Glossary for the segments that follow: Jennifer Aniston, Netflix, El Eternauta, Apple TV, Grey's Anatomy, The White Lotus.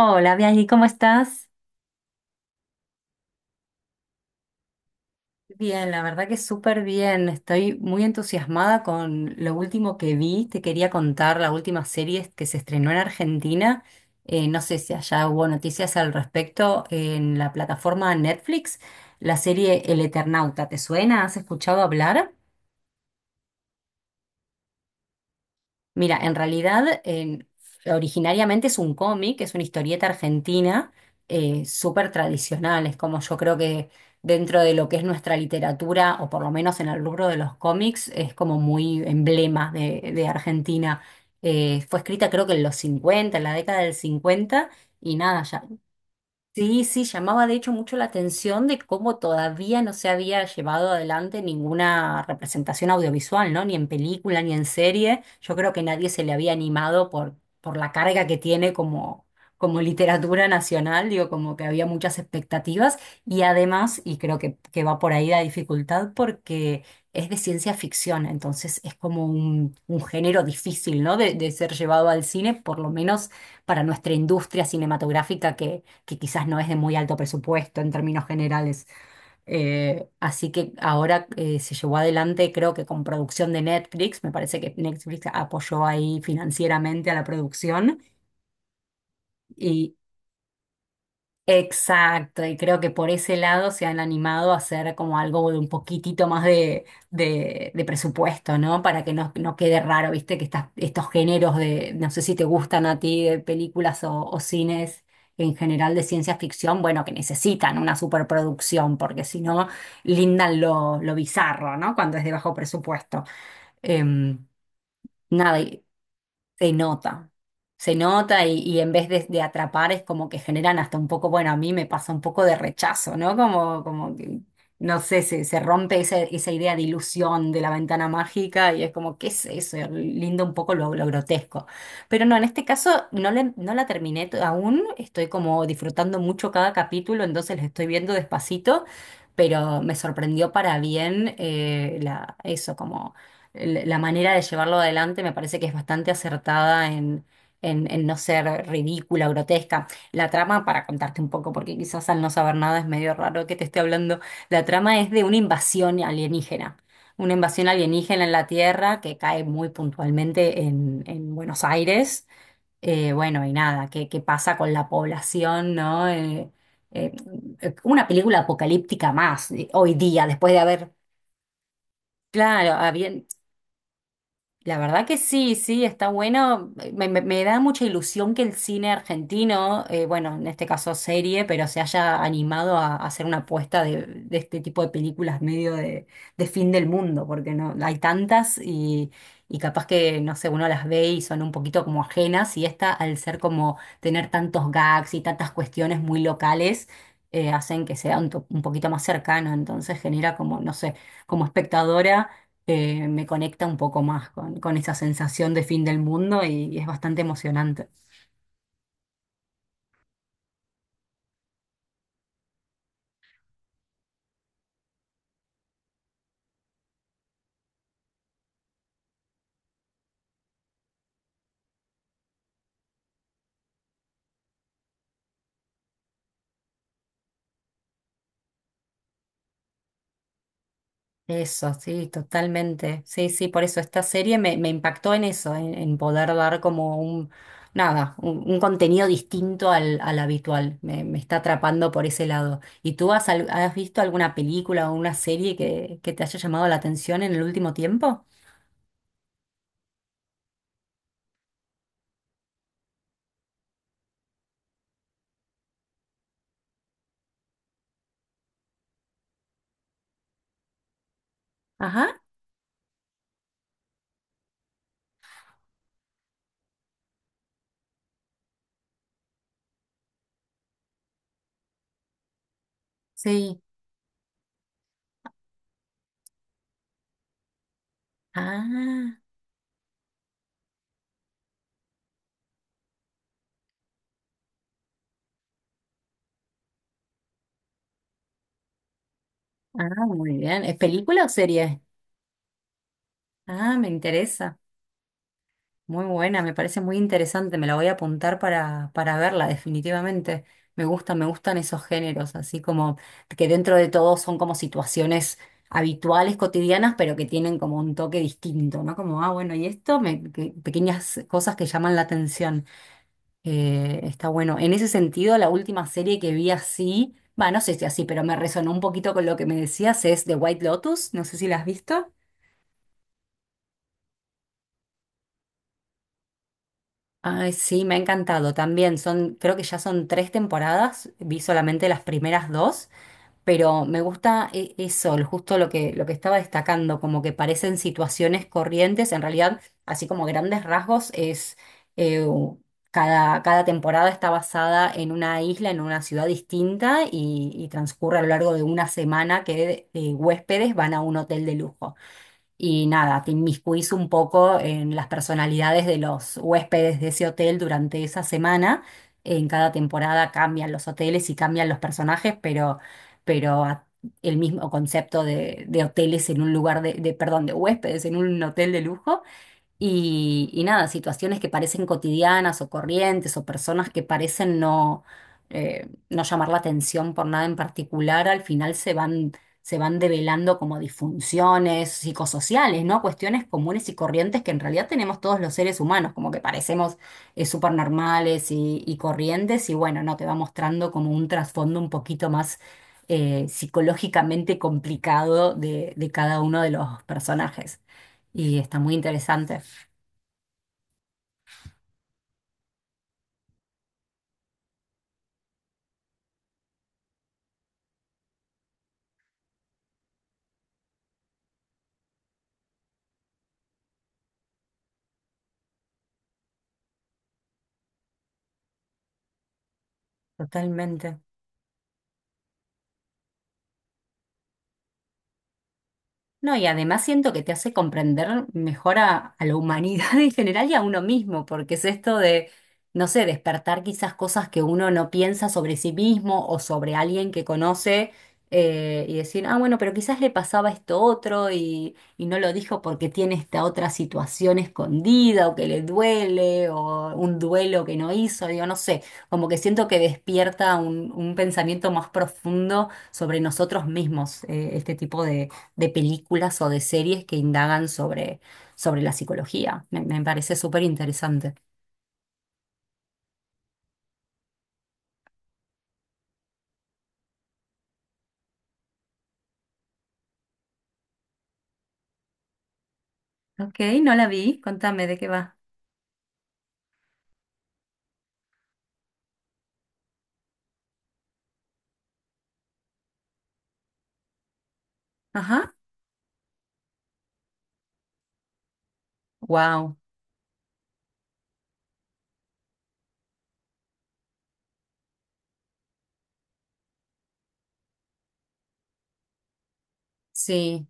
Hola, Bianchi, ¿cómo estás? Bien, la verdad que súper bien. Estoy muy entusiasmada con lo último que vi. Te quería contar la última serie que se estrenó en Argentina. No sé si allá hubo noticias al respecto en la plataforma Netflix. La serie El Eternauta, ¿te suena? ¿Has escuchado hablar? Mira, en realidad originariamente es un cómic, es una historieta argentina súper tradicional, es como yo creo que dentro de lo que es nuestra literatura, o por lo menos en el rubro de los cómics, es como muy emblema de Argentina. Fue escrita creo que en los 50, en la década del 50, y nada, ya. Sí, sí, llamaba de hecho mucho la atención de cómo todavía no se había llevado adelante ninguna representación audiovisual, ¿no? Ni en película, ni en serie. Yo creo que nadie se le había animado por la carga que tiene como, como literatura nacional, digo, como que había muchas expectativas. Y además, y creo que va por ahí la dificultad, porque es de ciencia ficción, entonces es como un género difícil, ¿no? De ser llevado al cine, por lo menos para nuestra industria cinematográfica que quizás no es de muy alto presupuesto en términos generales. Así que ahora se llevó adelante, creo que con producción de Netflix, me parece que Netflix apoyó ahí financieramente a la producción. Exacto, y creo que por ese lado se han animado a hacer como algo de un poquitito más de presupuesto, ¿no? Para que no, no quede raro, viste, que estos géneros de, no sé si te gustan a ti, de películas o cines en general de ciencia ficción, bueno, que necesitan una superproducción, porque si no, lindan lo bizarro, ¿no? Cuando es de bajo presupuesto. Em, nada, Se nota, se nota y en vez de atrapar es como que generan hasta un poco, bueno, a mí me pasa un poco de rechazo, ¿no? Como, como que, no sé, se rompe esa, esa idea de ilusión de la ventana mágica y es como, ¿qué es eso? Linda un poco lo grotesco. Pero no, en este caso no, no la terminé aún, estoy como disfrutando mucho cada capítulo, entonces la estoy viendo despacito, pero me sorprendió para bien la manera de llevarlo adelante me parece que es bastante acertada en no ser ridícula, grotesca. La trama, para contarte un poco, porque quizás al no saber nada es medio raro que te esté hablando, la trama es de una invasión alienígena. Una invasión alienígena en la Tierra que cae muy puntualmente en Buenos Aires. Bueno, y nada, ¿qué, qué pasa con la población, ¿no? Eh, una película apocalíptica más hoy día, después de claro, la verdad que sí, sí, está bueno. Me da mucha ilusión que el cine argentino, bueno, en este caso serie, pero se haya animado a hacer una apuesta de este tipo de películas medio de fin del mundo, porque no hay tantas y capaz que, no sé, uno las ve y son un poquito como ajenas y esta, al ser como tener tantos gags y tantas cuestiones muy locales, hacen que sea un, un poquito más cercano, entonces genera como, no sé, como espectadora me conecta un poco más con esa sensación de fin del mundo y es bastante emocionante. Eso, sí, totalmente. Sí, sí, por eso esta serie me impactó en eso, en poder dar como un, nada, un contenido distinto al habitual. Me está atrapando por ese lado. ¿Y tú has, has visto alguna película o una serie que te haya llamado la atención en el último tiempo? Ajá, sí. Ah, ah, muy bien. ¿Es película o serie? Ah, me interesa. Muy buena, me parece muy interesante, me la voy a apuntar para verla, definitivamente. Me gustan esos géneros, así como que dentro de todo son como situaciones habituales, cotidianas, pero que tienen como un toque distinto, ¿no? Como, ah, bueno, y esto, pequeñas cosas que llaman la atención. Está bueno. En ese sentido, la última serie que vi así, va, no sé si así, pero me resonó un poquito con lo que me decías, es The White Lotus, no sé si la has visto. Ay, sí, me ha encantado también. Son, creo que ya son tres temporadas. Vi solamente las primeras dos, pero me gusta eso, justo lo que estaba destacando, como que parecen situaciones corrientes. En realidad, así como grandes rasgos, es eh, u- cada, cada temporada está basada en una isla, en una ciudad distinta y transcurre a lo largo de una semana que huéspedes van a un hotel de lujo y nada, te inmiscuís un poco en las personalidades de los huéspedes de ese hotel durante esa semana. En cada temporada cambian los hoteles y cambian los personajes, pero a- el mismo concepto de hoteles en un lugar de, perdón, de huéspedes en un hotel de lujo. Y nada, situaciones que parecen cotidianas o corrientes o personas que parecen no, no llamar la atención por nada en particular, al final se van develando como disfunciones psicosociales, ¿no? Cuestiones comunes y corrientes que en realidad tenemos todos los seres humanos, como que parecemos súper normales y corrientes, y bueno, no, te va mostrando como un trasfondo un poquito más psicológicamente complicado de cada uno de los personajes. Y está muy interesante. Totalmente. No, y además siento que te hace comprender mejor a la humanidad en general y a uno mismo, porque es esto de, no sé, despertar quizás cosas que uno no piensa sobre sí mismo o sobre alguien que conoce y decir, ah, bueno, pero quizás le pasaba esto otro y no lo dijo porque tiene esta otra situación escondida o que le duele o un duelo que no hizo, digo, no sé, como que siento que despierta un pensamiento más profundo sobre nosotros mismos, este tipo de películas o de series que indagan sobre, sobre la psicología. Me parece súper interesante. Ok, no la vi, contame de qué va. Ajá, wow, sí.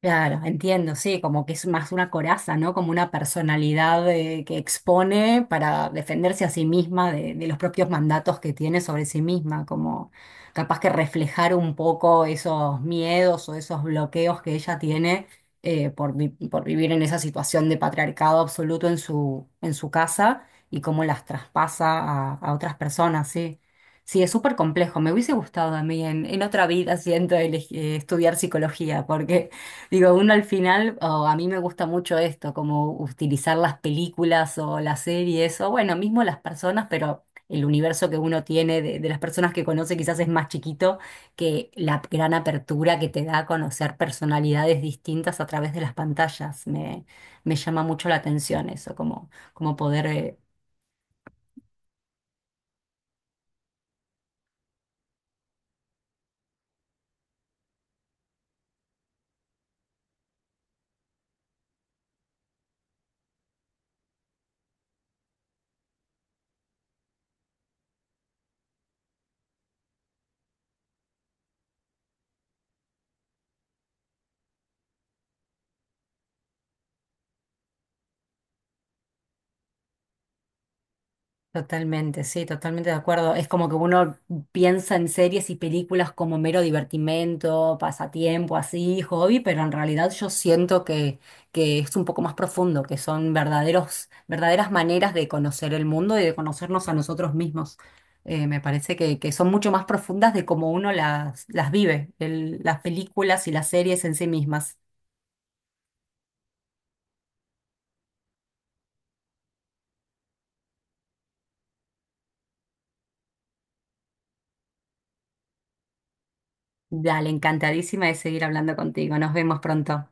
Claro, entiendo, sí, como que es más una coraza, ¿no? Como una personalidad que expone para defenderse a sí misma de los propios mandatos que tiene sobre sí misma, como capaz que reflejar un poco esos miedos o esos bloqueos que ella tiene por vivir en esa situación de patriarcado absoluto en su casa y cómo las traspasa a otras personas, sí. Sí, es súper complejo. Me hubiese gustado a mí en otra vida, siento, estudiar psicología, porque digo, uno al final, o a mí me gusta mucho esto, como utilizar las películas o las series, o bueno, mismo las personas, pero el universo que uno tiene de las personas que conoce quizás es más chiquito que la gran apertura que te da a conocer personalidades distintas a través de las pantallas. Me llama mucho la atención eso, como, como poder totalmente, sí, totalmente de acuerdo. Es como que uno piensa en series y películas como mero divertimento, pasatiempo, así, hobby, pero en realidad yo siento que es un poco más profundo, que son verdaderos, verdaderas maneras de conocer el mundo y de conocernos a nosotros mismos. Me parece que son mucho más profundas de cómo uno las vive, las películas y las series en sí mismas. Dale, encantadísima de seguir hablando contigo. Nos vemos pronto.